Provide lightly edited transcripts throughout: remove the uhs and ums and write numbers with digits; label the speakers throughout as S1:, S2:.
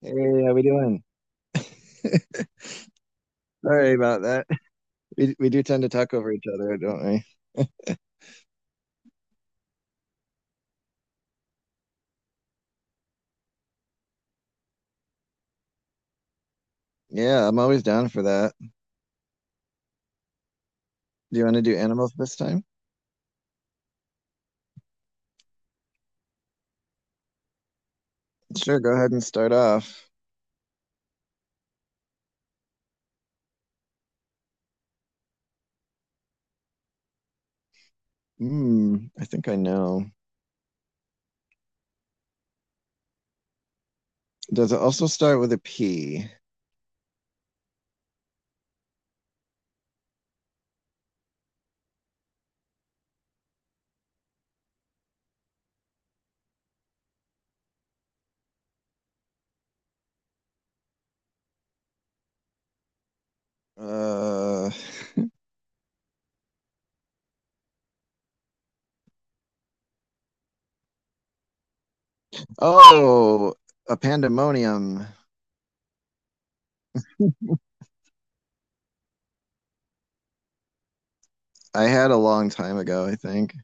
S1: Hey, how we doing? Sorry about that. We do tend to talk over each other, don't we? Yeah, I'm always down for that. Do you want to do animals this time? Sure, go ahead and start off. Hmm, I think I know. Does it also start with a P? Uh, oh, a pandemonium. I had a long time ago, I think.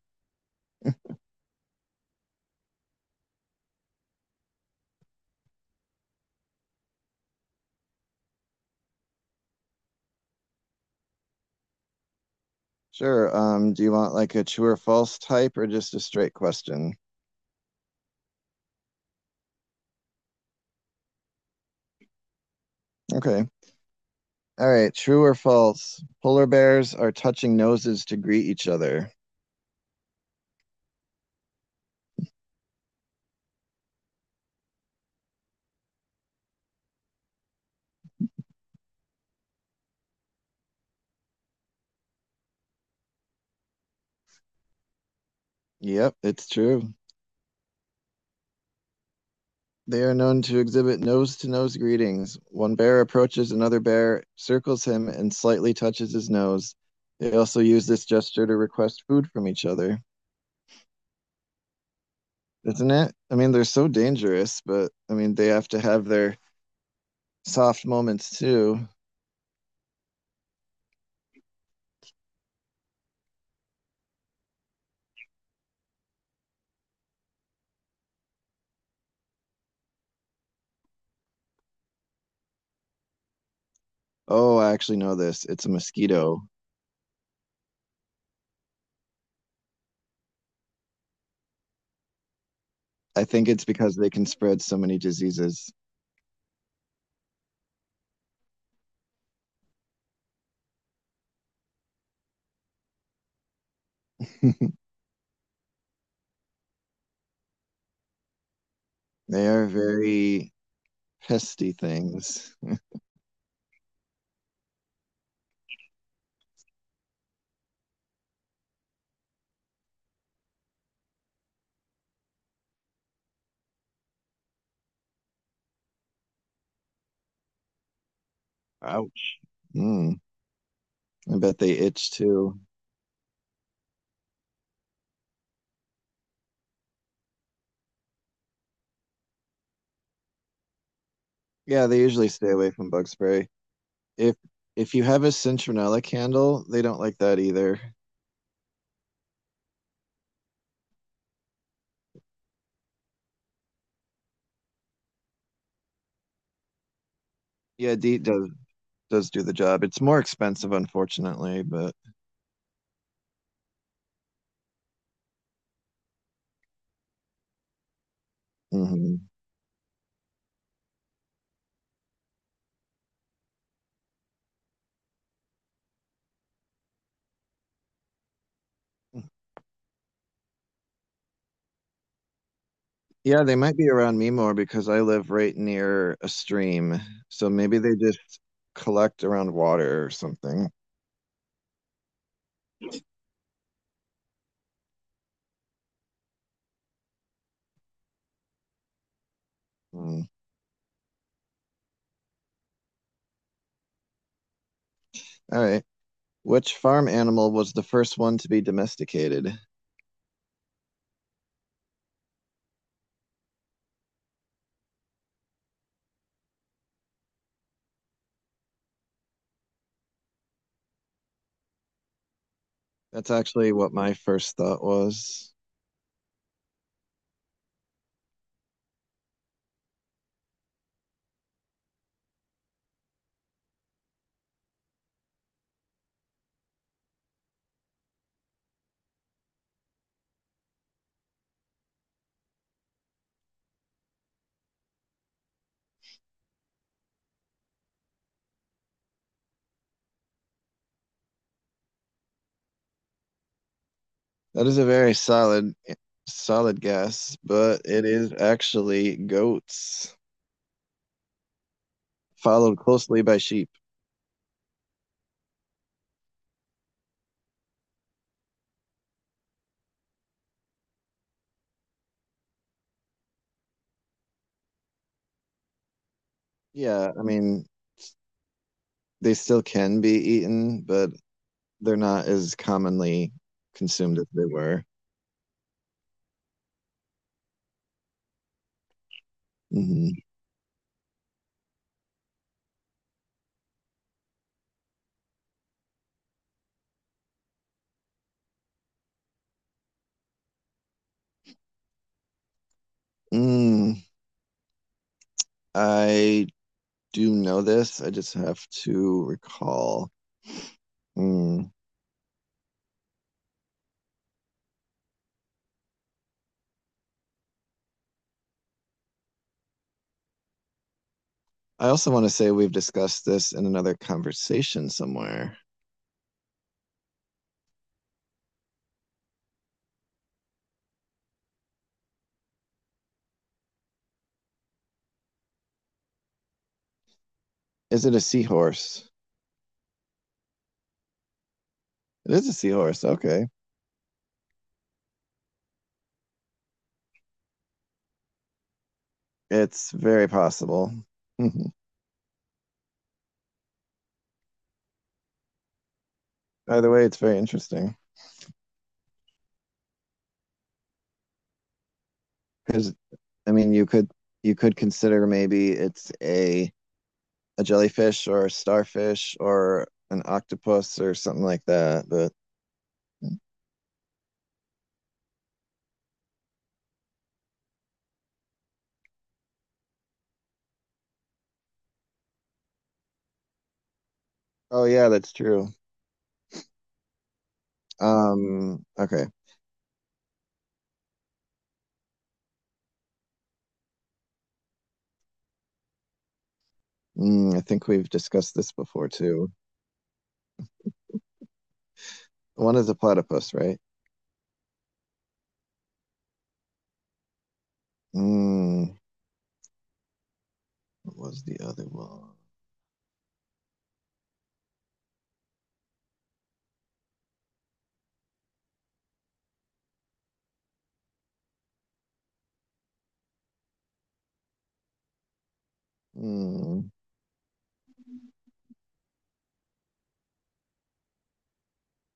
S1: Sure. Do you want like a true or false type or just a straight question? Okay. All right, true or false? Polar bears are touching noses to greet each other. Yep, it's true. They are known to exhibit nose to nose greetings. One bear approaches another bear, circles him, and slightly touches his nose. They also use this gesture to request food from each other. Isn't it? I mean, they're so dangerous, but I mean, they have to have their soft moments too. Oh, I actually know this. It's a mosquito. I think it's because they can spread so many diseases. They are very pesty things. Ouch. Mm, I bet they itch too. Yeah, they usually stay away from bug spray. If if you have a citronella candle, they don't like that either. Yeah, DEET does do the job. It's more expensive, unfortunately, but mhm. Yeah, they might be around me more because I live right near a stream. So maybe they just collect around water or something. Mm. All right. Which farm animal was the first one to be domesticated? That's actually what my first thought was. That is a very solid, solid guess, but it is actually goats, followed closely by sheep. Yeah, I mean, they still can be eaten, but they're not as commonly consumed as they were. Hmm. Mm, I do know this. I just have to recall. Mm. I also want to say we've discussed this in another conversation somewhere. Is it a seahorse? It is a seahorse. Okay. It's very possible. Mhm. Either way, it's very interesting because I mean, you could consider maybe it's a jellyfish or a starfish or an octopus or something like that. But oh yeah, that's true. Okay. Mm, I think we've discussed this before too. One is a platypus, right? Mm, what was the other one? Mm,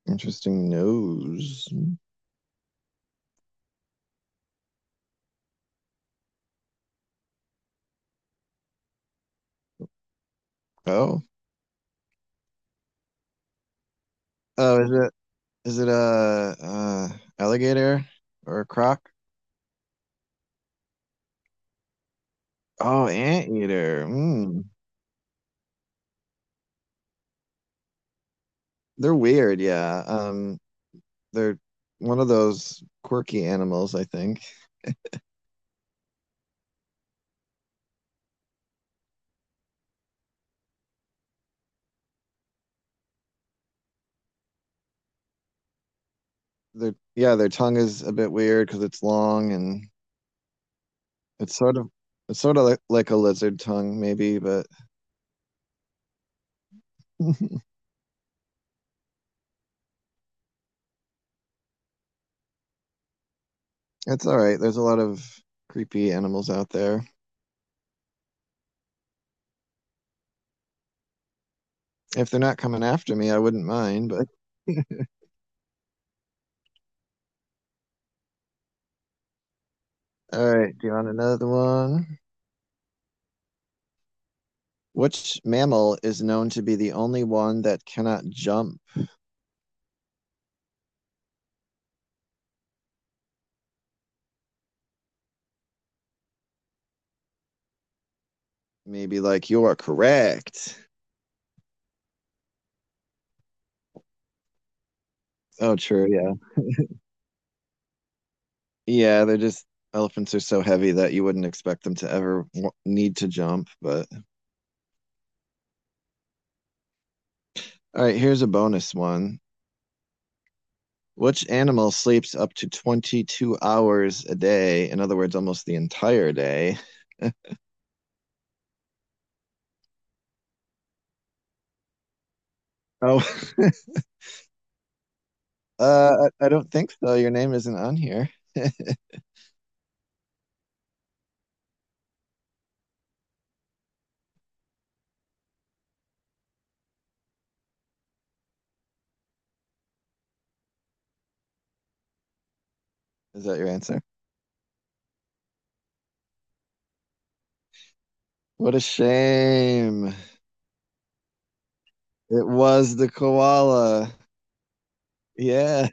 S1: interesting nose. Oh, oh, is it? Is it a, alligator or a croc? Oh, anteater. Mm. They're weird, yeah. They're one of those quirky animals, I think. They're yeah, their tongue is a bit weird because it's long and it's sort of it's sort of like a lizard tongue, maybe, but it's all right. There's a lot of creepy animals out there. If they're not coming after me, I wouldn't mind, but all right, do you want another one? Which mammal is known to be the only one that cannot jump? Maybe like you are correct. Oh, true. Yeah. Yeah. They're just elephants are so heavy that you wouldn't expect them to ever w- need to jump. But all right, here's a bonus one. Which animal sleeps up to 22 hours a day? In other words, almost the entire day. Oh, uh, I don't think so. Your name isn't on here. Is that your answer? What a shame. It was the koala. Yeah,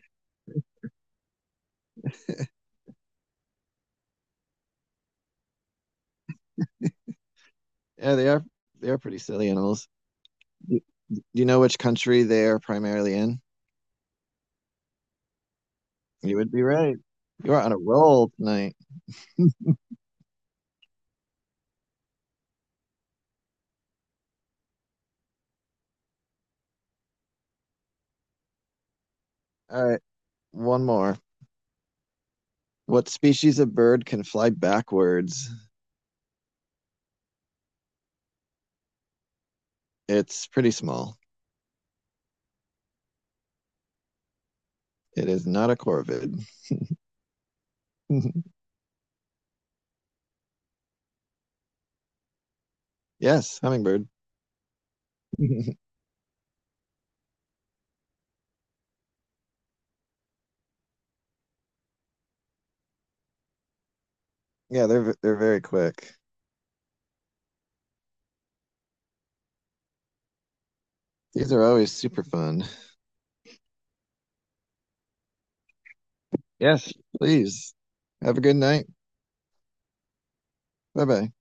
S1: yeah, they are pretty silly animals. Do do you know which country they are primarily in? You would be right. You are on a roll tonight. All right, one more. What species of bird can fly backwards? It's pretty small. It is not a corvid. Yes, hummingbird. Yeah, they're v- they're very quick. These are always super fun. Yes, please. Have a good night. Bye bye.